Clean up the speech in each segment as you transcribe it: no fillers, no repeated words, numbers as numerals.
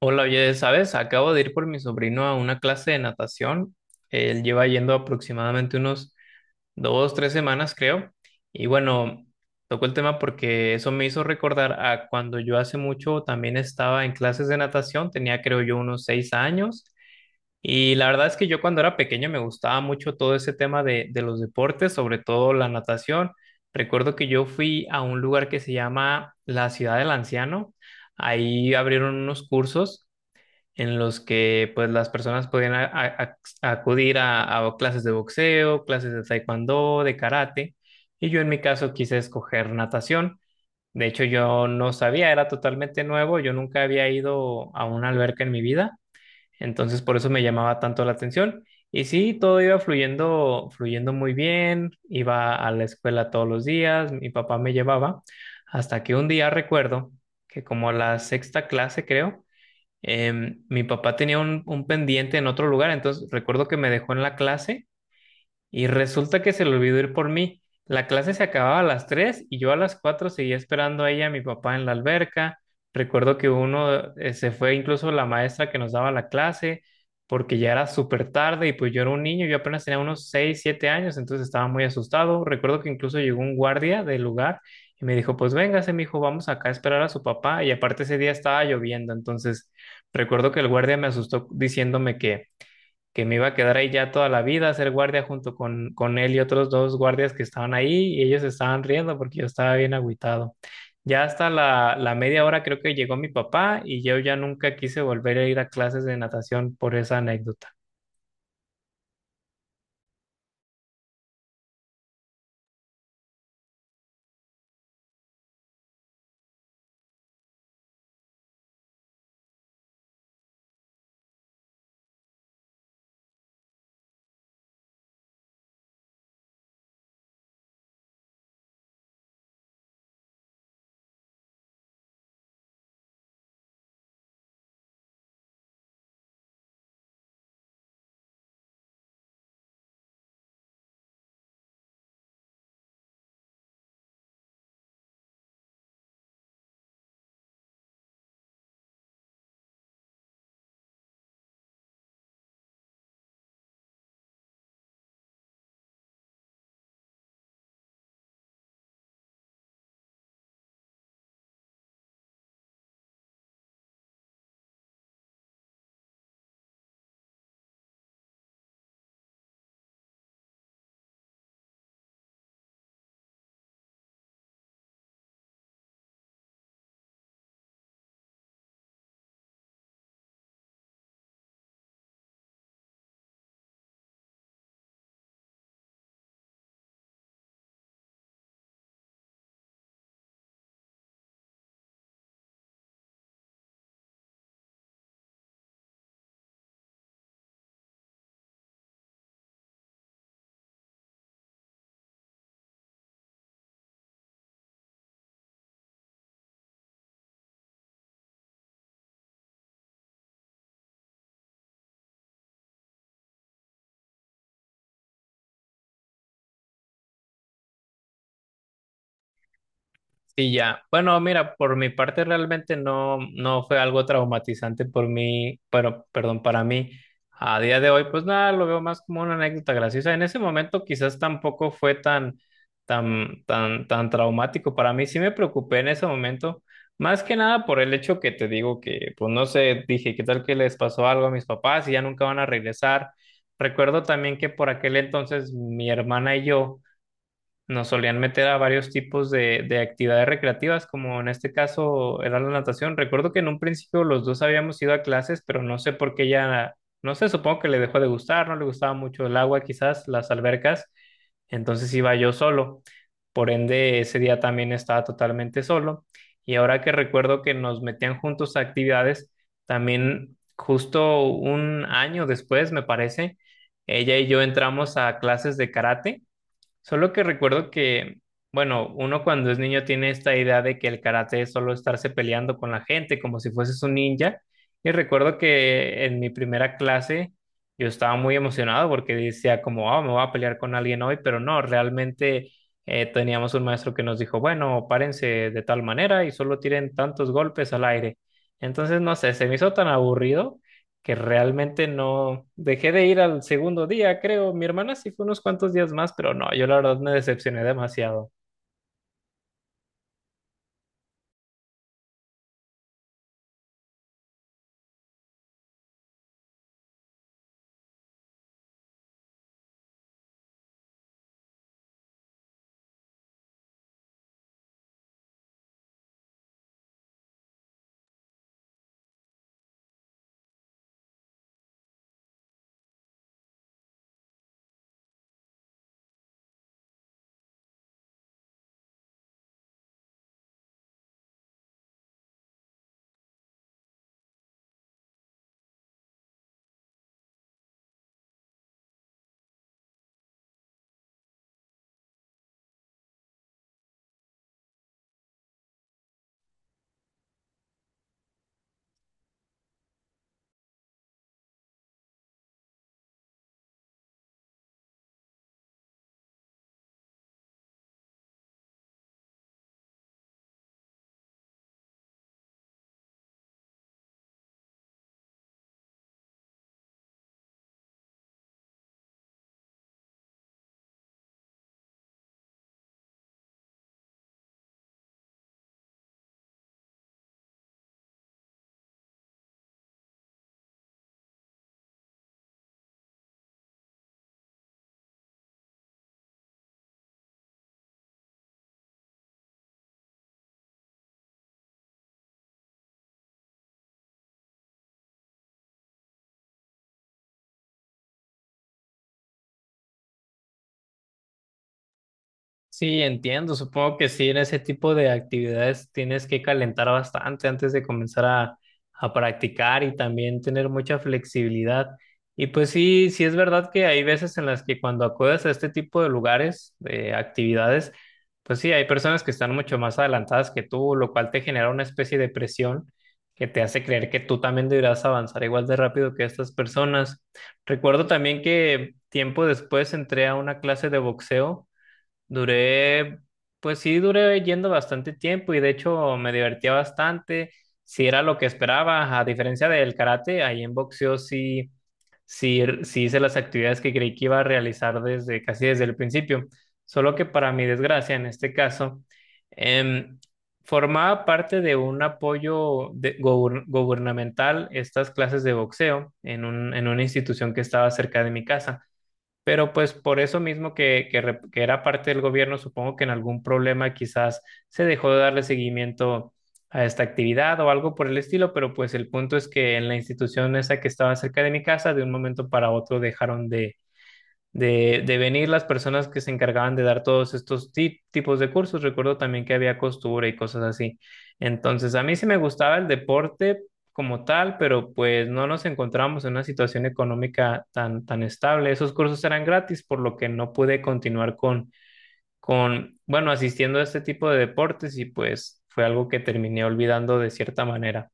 Hola, oye, ¿sabes? Acabo de ir por mi sobrino a una clase de natación. Él lleva yendo aproximadamente unos 2, 3 semanas, creo. Y bueno, tocó el tema porque eso me hizo recordar a cuando yo hace mucho también estaba en clases de natación. Tenía, creo yo, unos 6 años. Y la verdad es que yo cuando era pequeño me gustaba mucho todo ese tema de los deportes, sobre todo la natación. Recuerdo que yo fui a un lugar que se llama la Ciudad del Anciano. Ahí abrieron unos cursos en los que pues las personas podían acudir a clases de boxeo, clases de taekwondo, de karate, y yo en mi caso quise escoger natación. De hecho, yo no sabía, era totalmente nuevo, yo nunca había ido a una alberca en mi vida, entonces por eso me llamaba tanto la atención. Y sí, todo iba fluyendo, fluyendo muy bien, iba a la escuela todos los días, mi papá me llevaba, hasta que un día recuerdo que como la sexta clase, creo, mi papá tenía un pendiente en otro lugar, entonces recuerdo que me dejó en la clase y resulta que se le olvidó ir por mí. La clase se acababa a las 3 y yo a las 4 seguía esperando a ella y a mi papá en la alberca. Recuerdo que uno se fue incluso la maestra que nos daba la clase porque ya era súper tarde y pues yo era un niño, yo apenas tenía unos 6 7 años, entonces estaba muy asustado. Recuerdo que incluso llegó un guardia del lugar y me dijo, pues véngase, mijo, vamos acá a esperar a su papá. Y aparte ese día estaba lloviendo, entonces recuerdo que el guardia me asustó diciéndome que me iba a quedar ahí ya toda la vida a ser guardia junto con él y otros dos guardias que estaban ahí y ellos estaban riendo porque yo estaba bien agüitado. Ya hasta la media hora creo que llegó mi papá y yo ya nunca quise volver a ir a clases de natación por esa anécdota. Sí, ya. Bueno, mira, por mi parte realmente no fue algo traumatizante por mí, pero, perdón, para mí. A día de hoy, pues nada, lo veo más como una anécdota graciosa. En ese momento quizás tampoco fue tan traumático para mí. Sí me preocupé en ese momento, más que nada por el hecho que te digo que, pues no sé, dije, ¿qué tal que les pasó algo a mis papás y ya nunca van a regresar? Recuerdo también que por aquel entonces mi hermana y yo nos solían meter a varios tipos de actividades recreativas, como en este caso era la natación. Recuerdo que en un principio los dos habíamos ido a clases, pero no sé por qué ella no sé, supongo que le dejó de gustar, no le gustaba mucho el agua, quizás las albercas, entonces iba yo solo. Por ende, ese día también estaba totalmente solo. Y ahora que recuerdo que nos metían juntos a actividades, también justo un año después, me parece, ella y yo entramos a clases de karate. Solo que recuerdo que, bueno, uno cuando es niño tiene esta idea de que el karate es solo estarse peleando con la gente, como si fueses un ninja. Y recuerdo que en mi primera clase yo estaba muy emocionado porque decía como, ah, me voy a pelear con alguien hoy, pero no, realmente teníamos un maestro que nos dijo, bueno, párense de tal manera y solo tiren tantos golpes al aire. Entonces, no sé, se me hizo tan aburrido que realmente no dejé de ir al segundo día, creo. Mi hermana sí fue unos cuantos días más, pero no, yo la verdad me decepcioné demasiado. Sí, entiendo. Supongo que sí, en ese tipo de actividades tienes que calentar bastante antes de comenzar a practicar y también tener mucha flexibilidad. Y pues sí, sí es verdad que hay veces en las que cuando acudes a este tipo de lugares, de actividades, pues sí, hay personas que están mucho más adelantadas que tú, lo cual te genera una especie de presión que te hace creer que tú también deberás avanzar igual de rápido que estas personas. Recuerdo también que tiempo después entré a una clase de boxeo. Duré, pues sí, duré yendo bastante tiempo y de hecho me divertía bastante. Si era lo que esperaba, a diferencia del karate, ahí en boxeo sí, sí, sí hice las actividades que creí que iba a realizar desde casi desde el principio. Solo que para mi desgracia, en este caso, em, formaba parte de un apoyo gubernamental estas clases de boxeo en en una institución que estaba cerca de mi casa. Pero pues por eso mismo que era parte del gobierno, supongo que en algún problema quizás se dejó de darle seguimiento a esta actividad o algo por el estilo, pero pues el punto es que en la institución esa que estaba cerca de mi casa, de un momento para otro dejaron de venir las personas que se encargaban de dar todos estos tipos de cursos. Recuerdo también que había costura y cosas así. Entonces, a mí sí me gustaba el deporte como tal, pero pues no nos encontramos en una situación económica tan estable. Esos cursos eran gratis, por lo que no pude continuar con, bueno, asistiendo a este tipo de deportes y pues fue algo que terminé olvidando de cierta manera.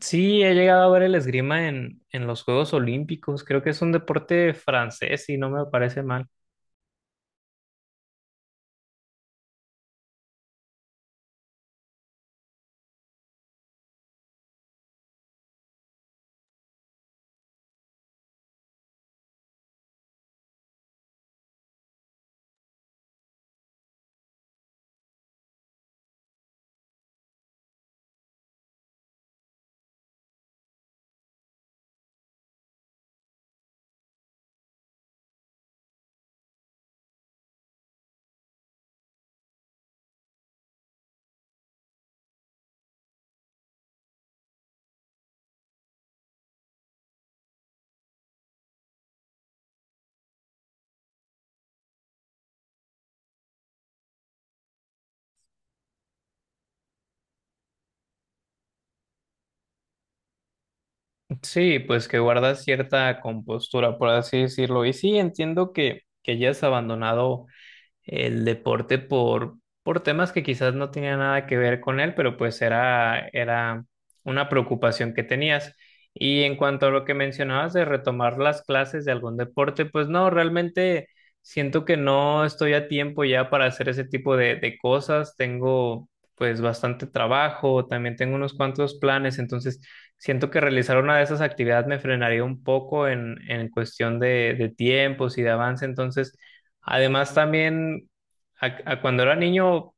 Sí, he llegado a ver el esgrima en los Juegos Olímpicos. Creo que es un deporte francés y no me parece mal. Sí, pues que guardas cierta compostura, por así decirlo. Y sí, entiendo que ya has abandonado el deporte por temas que quizás no tenían nada que ver con él, pero pues era una preocupación que tenías. Y en cuanto a lo que mencionabas de retomar las clases de algún deporte, pues no, realmente siento que no estoy a tiempo ya para hacer ese tipo de cosas. Tengo pues bastante trabajo, también tengo unos cuantos planes, entonces siento que realizar una de esas actividades me frenaría un poco en cuestión de tiempos y de avance, entonces... Además, también a cuando era niño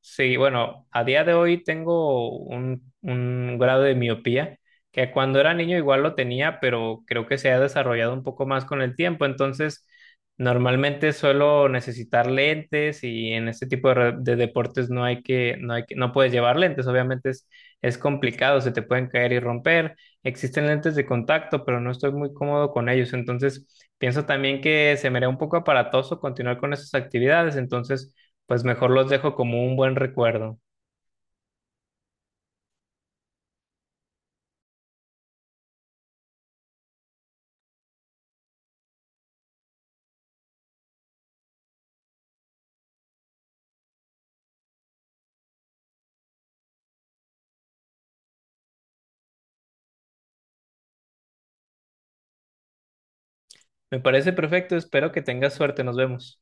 Sí, bueno, a día de hoy tengo un grado de miopía que cuando era niño igual lo tenía, pero creo que se ha desarrollado un poco más con el tiempo. Entonces, normalmente suelo necesitar lentes y en este tipo de deportes no hay que, no puedes llevar lentes. Obviamente es complicado, se te pueden caer y romper. Existen lentes de contacto, pero no estoy muy cómodo con ellos. Entonces, pienso también que se me haría un poco aparatoso continuar con esas actividades. Entonces, pues mejor los dejo como un buen recuerdo. Me parece perfecto, espero que tengas suerte, nos vemos.